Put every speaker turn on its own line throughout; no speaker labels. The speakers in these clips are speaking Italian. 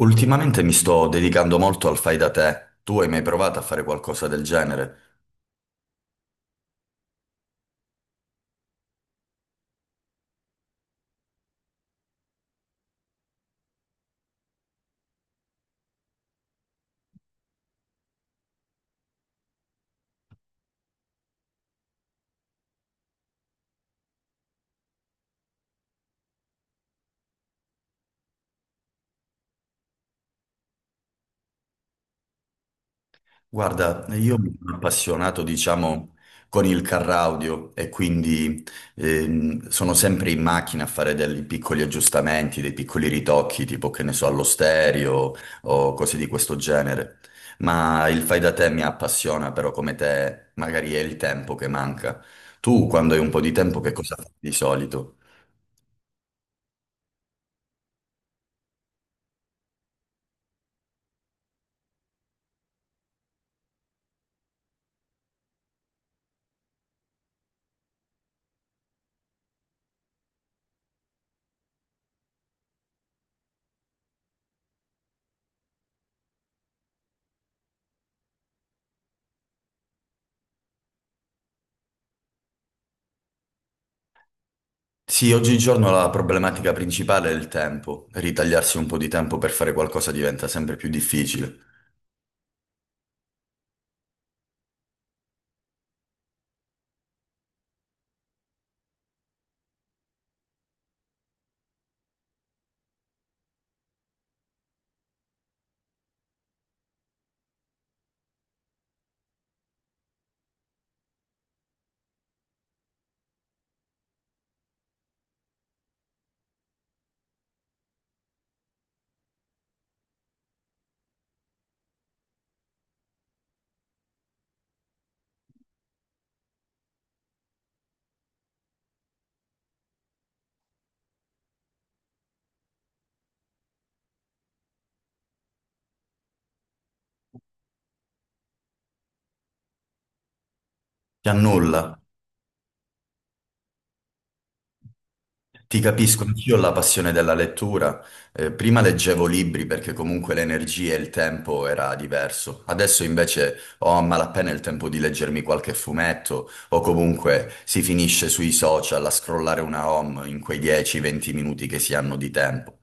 Ultimamente mi sto dedicando molto al fai da te. Tu hai mai provato a fare qualcosa del genere? Guarda, io mi sono appassionato, diciamo, con il car audio e quindi sono sempre in macchina a fare dei piccoli aggiustamenti, dei piccoli ritocchi, tipo che ne so, allo stereo o cose di questo genere. Ma il fai da te mi appassiona, però come te magari è il tempo che manca. Tu, quando hai un po' di tempo, che cosa fai di solito? Sì, oggigiorno la problematica principale è il tempo. Ritagliarsi un po' di tempo per fare qualcosa diventa sempre più difficile. Ti annulla. Ti capisco, anch'io ho la passione della lettura. Prima leggevo libri perché comunque l'energia e il tempo era diverso. Adesso invece ho a malapena il tempo di leggermi qualche fumetto o comunque si finisce sui social a scrollare una home in quei 10-20 minuti che si hanno di tempo.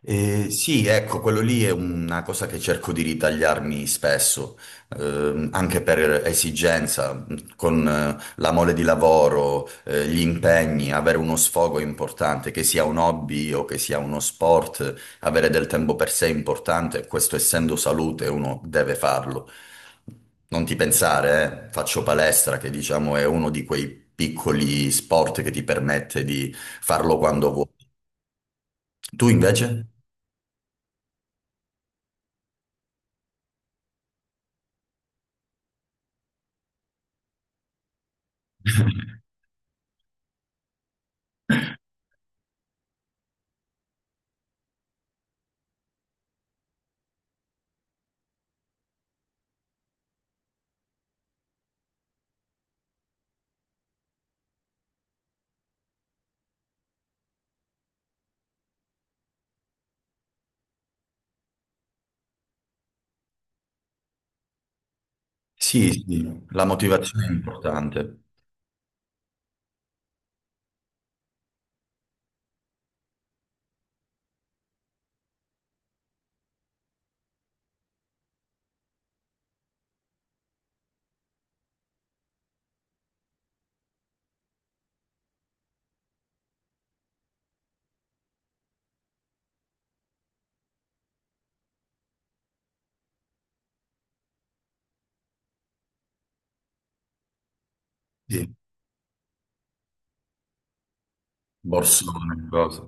Sì, ecco, quello lì è una cosa che cerco di ritagliarmi spesso, anche per esigenza, con la mole di lavoro, gli impegni, avere uno sfogo è importante, che sia un hobby o che sia uno sport, avere del tempo per sé è importante, questo essendo salute uno deve farlo. Non ti pensare, faccio palestra, che diciamo è uno di quei piccoli sport che ti permette di farlo quando vuoi. Tu invece? Sì, sì, la motivazione è importante. Sì. Borsone, cose.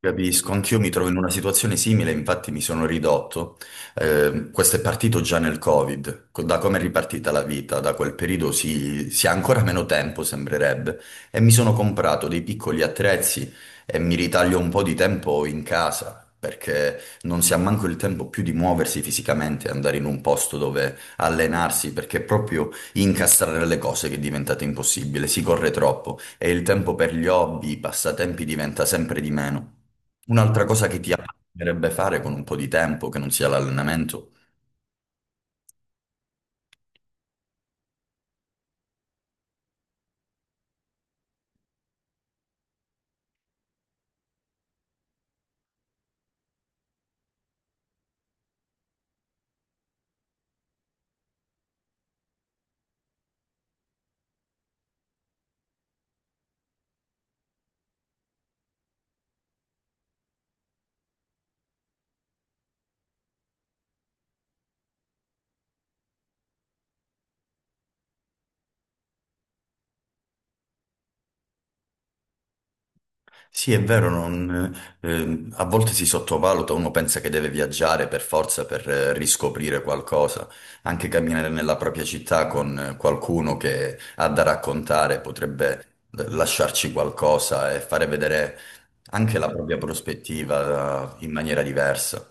Capisco, anch'io mi trovo in una situazione simile, infatti mi sono ridotto. Questo è partito già nel Covid, co- da come è ripartita la vita, da quel periodo si ha ancora meno tempo, sembrerebbe, e mi sono comprato dei piccoli attrezzi e mi ritaglio un po' di tempo in casa, perché non si ha manco il tempo più di muoversi fisicamente, andare in un posto dove allenarsi, perché è proprio incastrare le cose che è diventate impossibile, si corre troppo e il tempo per gli hobby, i passatempi diventa sempre di meno. Un'altra cosa che ti piacerebbe fare con un po' di tempo, che non sia l'allenamento. Sì, è vero, non- a volte si sottovaluta, uno pensa che deve viaggiare per forza per riscoprire qualcosa, anche camminare nella propria città con qualcuno che ha da raccontare potrebbe lasciarci qualcosa e fare vedere anche la propria prospettiva in maniera diversa.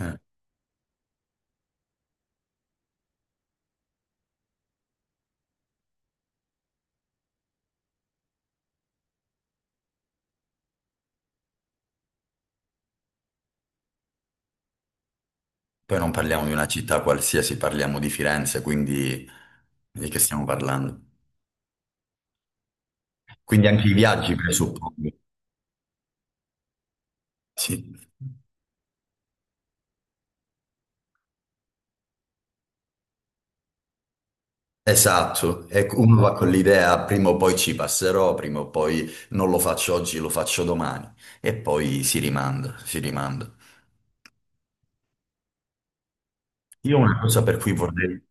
Eh, Poi non parliamo di una città qualsiasi, parliamo di Firenze, quindi di che stiamo parlando? Quindi anche i viaggi, presuppongo. Sì. Esatto, e uno va con l'idea, prima o poi ci passerò, prima o poi non lo faccio oggi, lo faccio domani, e poi si rimanda, si rimanda. Io una cosa per cui vorrei.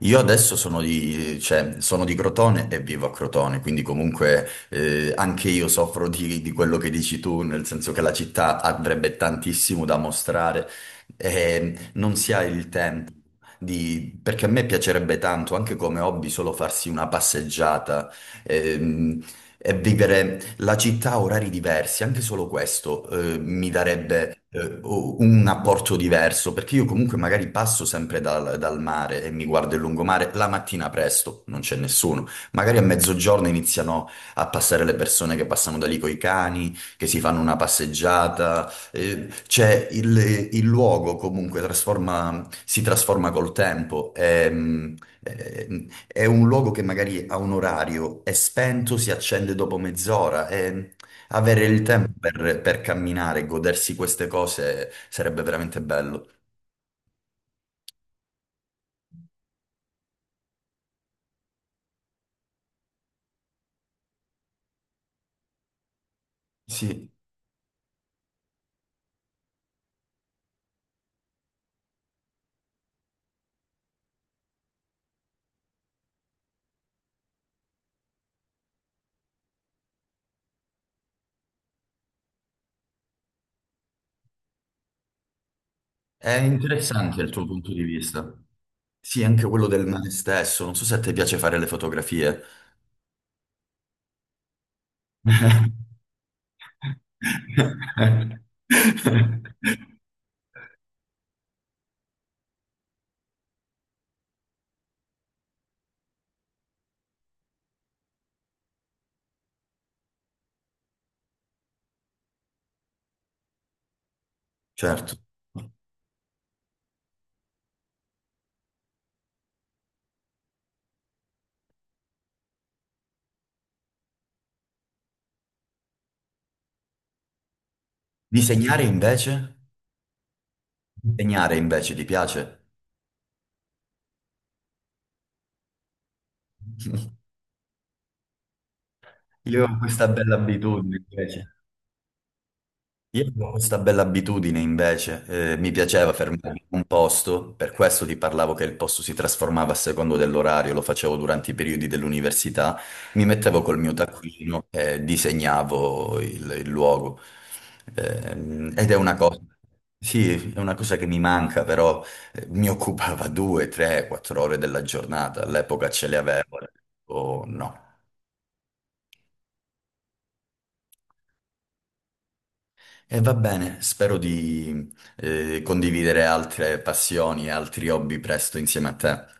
Io adesso sono di, cioè, sono di Crotone e vivo a Crotone, quindi comunque anche io soffro di quello che dici tu, nel senso che la città avrebbe tantissimo da mostrare e non si ha il tempo di- perché a me piacerebbe tanto, anche come hobby, solo farsi una passeggiata ehm, e vivere la città ha orari diversi, anche solo questo mi darebbe o- un apporto diverso, perché io comunque magari passo sempre dal mare e mi guardo il lungomare la mattina presto, non c'è nessuno. Magari a mezzogiorno iniziano a passare le persone che passano da lì coi cani, che si fanno una passeggiata. Eh, il luogo comunque trasforma- si trasforma col tempo. E, è un luogo che magari ha un orario, è spento, si accende dopo mezz'ora e avere il tempo per camminare e godersi queste cose sarebbe veramente bello. Sì, è interessante il tuo punto di vista. Sì, anche quello del mare stesso. Non so se a te piace fare le fotografie. Certo. Disegnare invece? Disegnare invece ti piace? Io ho questa bella abitudine invece. Io avevo questa bella abitudine invece, mi piaceva fermarmi in un posto, per questo ti parlavo che il posto si trasformava a secondo dell'orario, lo facevo durante i periodi dell'università, mi mettevo col mio taccuino e disegnavo il luogo. Ed è una cosa, sì, è una cosa che mi manca, però mi occupava due, tre, quattro ore della giornata, all'epoca ce le avevo, o no. E va bene, spero di condividere altre passioni e altri hobby presto insieme a te.